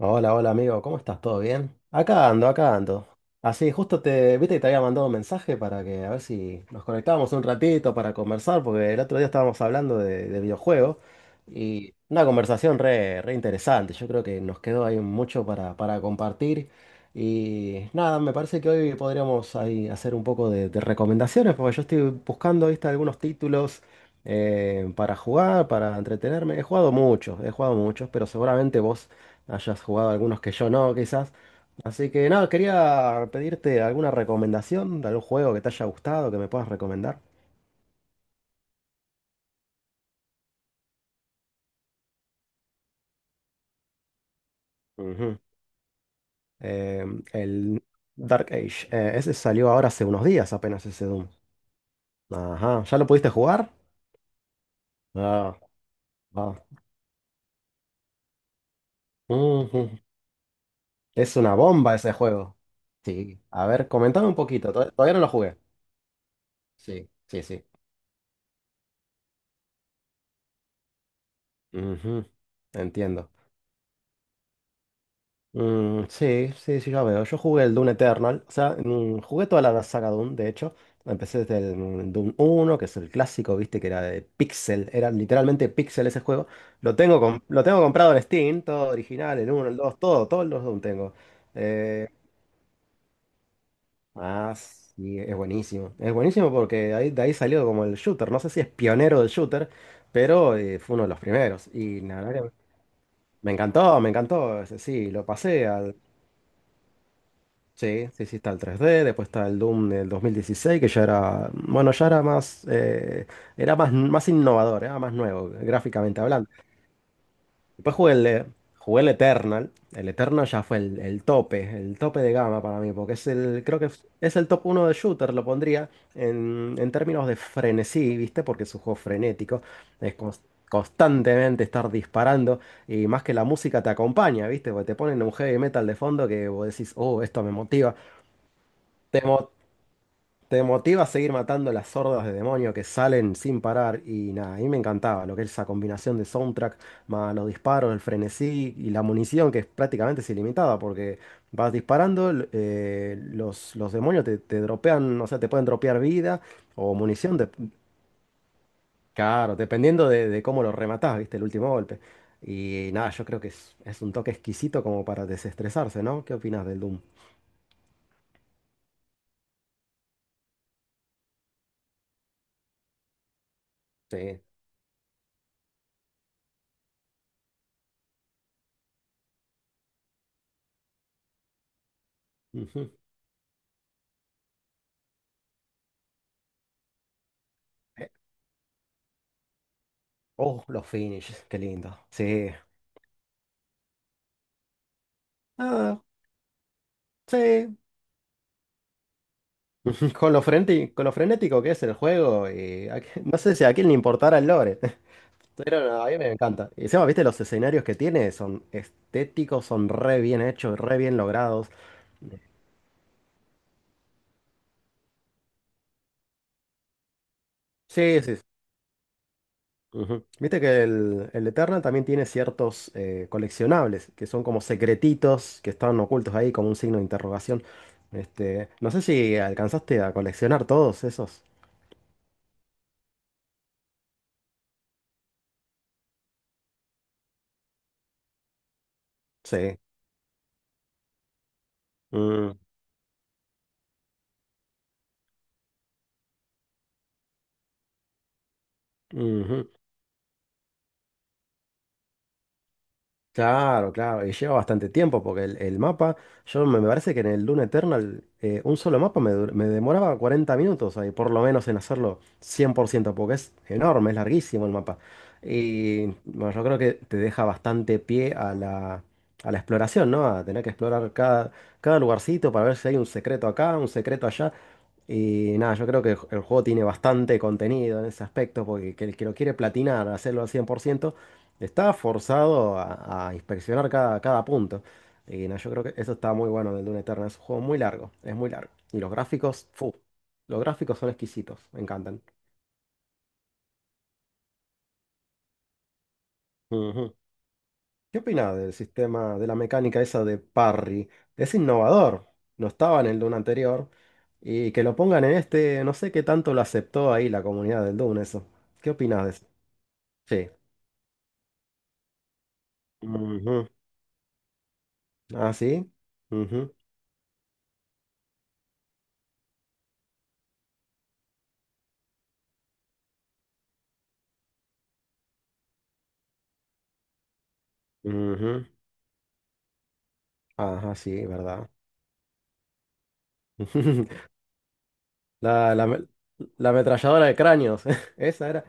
Hola, hola amigo, ¿cómo estás? ¿Todo bien? Acá ando, acá ando. Así, viste que te había mandado un mensaje para que a ver si nos conectábamos un ratito para conversar, porque el otro día estábamos hablando de videojuegos y una conversación re interesante. Yo creo que nos quedó ahí mucho para compartir y nada, me parece que hoy podríamos ahí hacer un poco de recomendaciones, porque yo estoy buscando, viste, algunos títulos para jugar, para entretenerme. He jugado muchos, pero seguramente vos hayas jugado algunos que yo no, quizás. Así que nada, quería pedirte alguna recomendación de algún juego que te haya gustado, que me puedas recomendar. Ujú. Eh, el Dark Age, ese salió ahora hace unos días apenas ese Doom. Ajá, ¿ya lo pudiste jugar? Ah, ah. Ujú. Es una bomba ese juego. Sí, a ver, comentame un poquito, todavía no lo jugué. Sí, sí, sí. Ujú. Entiendo. Mm, sí, sí, sí, ya veo. Yo jugué el Dune Eternal. O sea, jugué toda la saga Dune, de hecho. Empecé desde el Dune 1, que es el clásico, viste, que era de Pixel. Era literalmente Pixel ese juego. Lo tengo comprado en Steam, todo original, el uno, el 2, todo, todos los Dune tengo. Eh, ah, sí, es buenísimo. Es buenísimo porque ahí, de ahí salió como el shooter. No sé si es pionero del shooter, pero fue uno de los primeros. Y la verdad que me encantó, me encantó. Ese Sí, lo pasé. Sí, sí, sí, está el 3D, después está el Doom del 2016, que ya era, bueno, ya era más, más innovador, era más nuevo, gráficamente hablando. Después jugué el Eternal ya fue el tope de gama para mí, porque es el, creo que es el top uno de shooter, lo pondría en términos de frenesí, ¿viste? Porque es un juego frenético, es cons- constantemente estar disparando. Y más que la música te acompaña, ¿viste? Porque te ponen un heavy metal de fondo que vos decís, oh, esto me motiva. Te motiva a seguir matando las hordas de demonios que salen sin parar y nada, a mí me encantaba lo que es esa combinación de soundtrack, más los disparos, el frenesí y la munición que es prácticamente es ilimitada porque vas disparando, los demonios te dropean, o sea, te pueden dropear vida o munición, claro, dependiendo de cómo lo rematás, viste, el último golpe. Y nada, yo creo que es un toque exquisito como para desestresarse, ¿no? ¿Qué opinas del Doom? Sí. Ujú. Eh, Oh, los finishes, qué lindo. Sí. Ah, sí. Con con lo frenético que es el juego, no sé si a quién le importara el lore. Pero no, a mí me encanta. Y encima, viste, los escenarios que tiene son estéticos, son re bien hechos, re bien logrados. Sí, sí. Sí. Ujú. Viste que el Eternal también tiene ciertos coleccionables, que son como secretitos que están ocultos ahí, como un signo de interrogación. Este, no sé si alcanzaste a coleccionar todos esos. Sí. Mm, ujú. Claro, claro, y lleva bastante tiempo porque yo me parece que en el Dune Eternal un solo mapa me demoraba 40 minutos ahí, por lo menos en hacerlo 100% porque es enorme, es larguísimo el mapa. Y bueno, yo creo que te deja bastante pie a a la exploración, ¿no? A tener que explorar cada lugarcito para ver si hay un secreto acá, un secreto allá. Y nada, yo creo que el juego tiene bastante contenido en ese aspecto, porque que el que lo quiere platinar, hacerlo al 100% está forzado a inspeccionar cada punto. Y nada, yo creo que eso está muy bueno del Dune Eternal. Es un juego muy largo, es muy largo. Y los gráficos, fu, los gráficos son exquisitos, me encantan. Ujú. ¿Qué opinas del sistema, de la mecánica esa de parry? Es innovador, no estaba en el Dune anterior. Y que lo pongan en este, no sé qué tanto lo aceptó ahí la comunidad del Dune, eso. ¿Qué opinas? Sí. Ujú. Ah, sí. Ujú. Ujú. Ajá, sí, verdad. La, la, me- la ametralladora de cráneos. Esa era.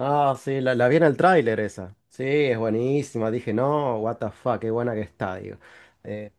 Ah, sí, la vi en el tráiler esa. Sí, es buenísima. Dije, no, what the fuck, qué buena que está, digo. Eh,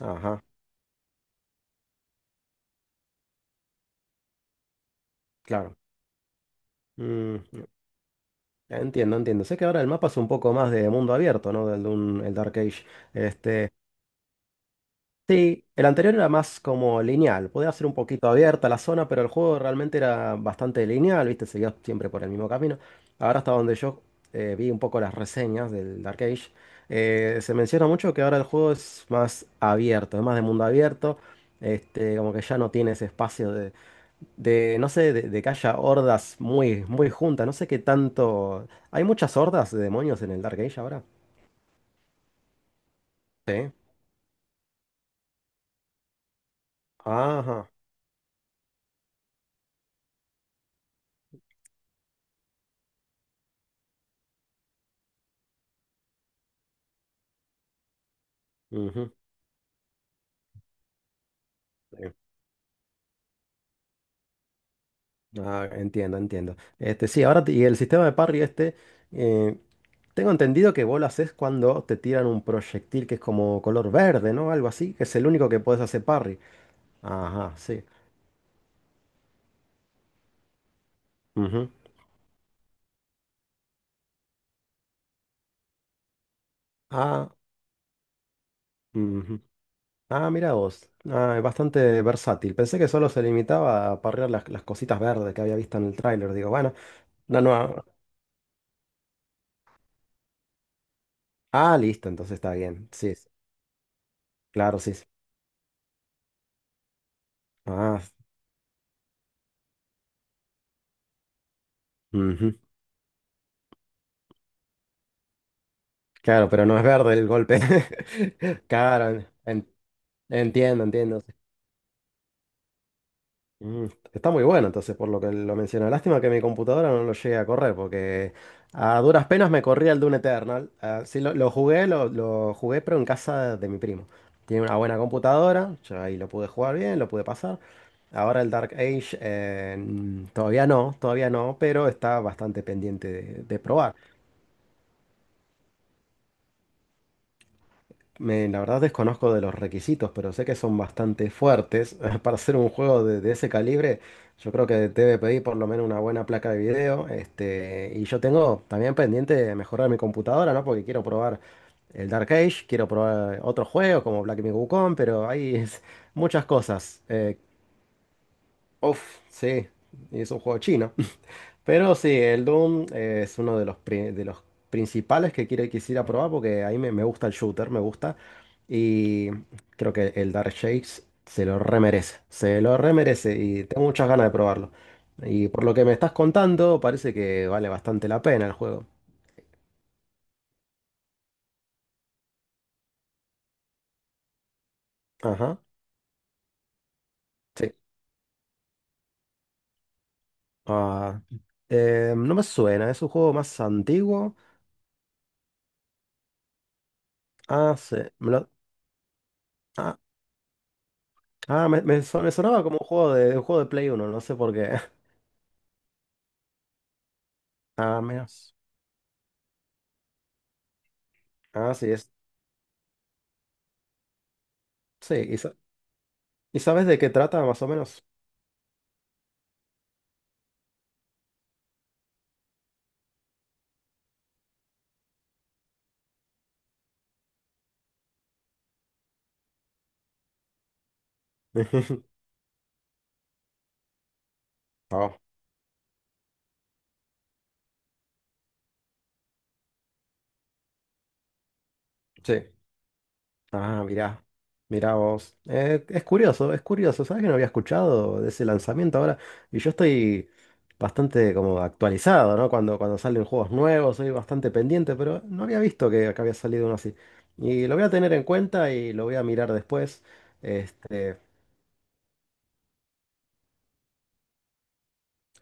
ajá, claro. Mm, entiendo, entiendo. Sé que ahora el mapa es un poco más de mundo abierto, ¿no? El Dark Age. Este. Sí, el anterior era más como lineal, podía ser un poquito abierta la zona, pero el juego realmente era bastante lineal, ¿viste? Seguía siempre por el mismo camino. Ahora hasta donde yo vi un poco las reseñas del Dark Age, se menciona mucho que ahora el juego es más abierto, es más de mundo abierto, este, como que ya no tiene ese espacio de no sé, de que haya hordas muy, muy juntas, no sé qué tanto... ¿Hay muchas hordas de demonios en el Dark Age ahora? Sí. Ajá. Ujú, sí. Ah, entiendo, entiendo. Este, sí, ahora y el sistema de parry este, eh, tengo entendido que vos lo haces cuando te tiran un proyectil que es como color verde, ¿no? Algo así, que es el único que podés hacer parry. Ajá, sí. Ujú. Ah, ujú. Ah, mira vos. Ah, es bastante versátil. Pensé que solo se limitaba a parrear las cositas verdes que había visto en el tráiler. Digo, bueno, no, no. Ah, listo, entonces está bien. Sí, sí. Claro, sí. Sí. Ah, ujú. Claro, pero no es verde el golpe. Claro, en- entiendo, entiendo. Sí. Mm, está muy bueno, entonces, por lo que lo menciona. Lástima que mi computadora no lo llegue a correr, porque a duras penas me corría el Doom Eternal. Ah, sí, lo jugué, lo jugué, pero en casa de mi primo. Tiene una buena computadora, yo ahí lo pude jugar bien, lo pude pasar. Ahora el Dark Age, mm, todavía no, pero está bastante pendiente de probar. La verdad desconozco de los requisitos, pero sé que son bastante fuertes. Para hacer un juego de ese calibre, yo creo que debe pedir por lo menos una buena placa de video. Este, y yo tengo también pendiente de mejorar mi computadora, ¿no? Porque quiero probar el Dark Age, quiero probar otros juegos como Black Myth Wukong, pero hay muchas cosas. Uf, sí, y es un juego chino. Pero sí, el Doom es uno de de los principales que quisiera probar porque ahí me gusta el shooter, me gusta. Y creo que el Dark Shakes se lo remerece y tengo muchas ganas de probarlo. Y por lo que me estás contando, parece que vale bastante la pena el juego. Ajá, sí. Ah, no me suena, es un juego más antiguo. Ah, sí. Me lo- ah, ah, me son- me sonaba como un juego de un juego de Play uno no sé por qué. Ah, menos. Ah, sí, es. Sí, y, sa- ¿Y sabes de qué trata más o menos? Oh, sí. Ah, mirá. Mirá vos. Es curioso, es curioso. ¿Sabes que no había escuchado de ese lanzamiento ahora? Y yo estoy bastante como actualizado, ¿no? Cuando salen juegos nuevos, soy bastante pendiente, pero no había visto que había salido uno así. Y lo voy a tener en cuenta y lo voy a mirar después. Este,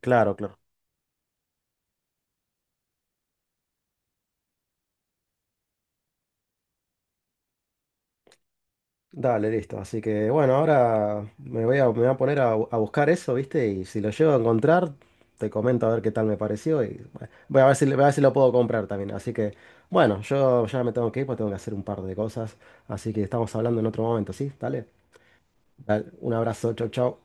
claro, claro. Dale, listo. Así que bueno, ahora me voy a poner a, a buscar eso, ¿viste? Y si lo llego a encontrar, te comento a ver qué tal me pareció. Y bueno, voy a ver si, voy a ver si lo puedo comprar también. Así que bueno, yo ya me tengo que ir porque tengo que hacer un par de cosas. Así que estamos hablando en otro momento, ¿sí? Dale. Dale, un abrazo, chau, chau.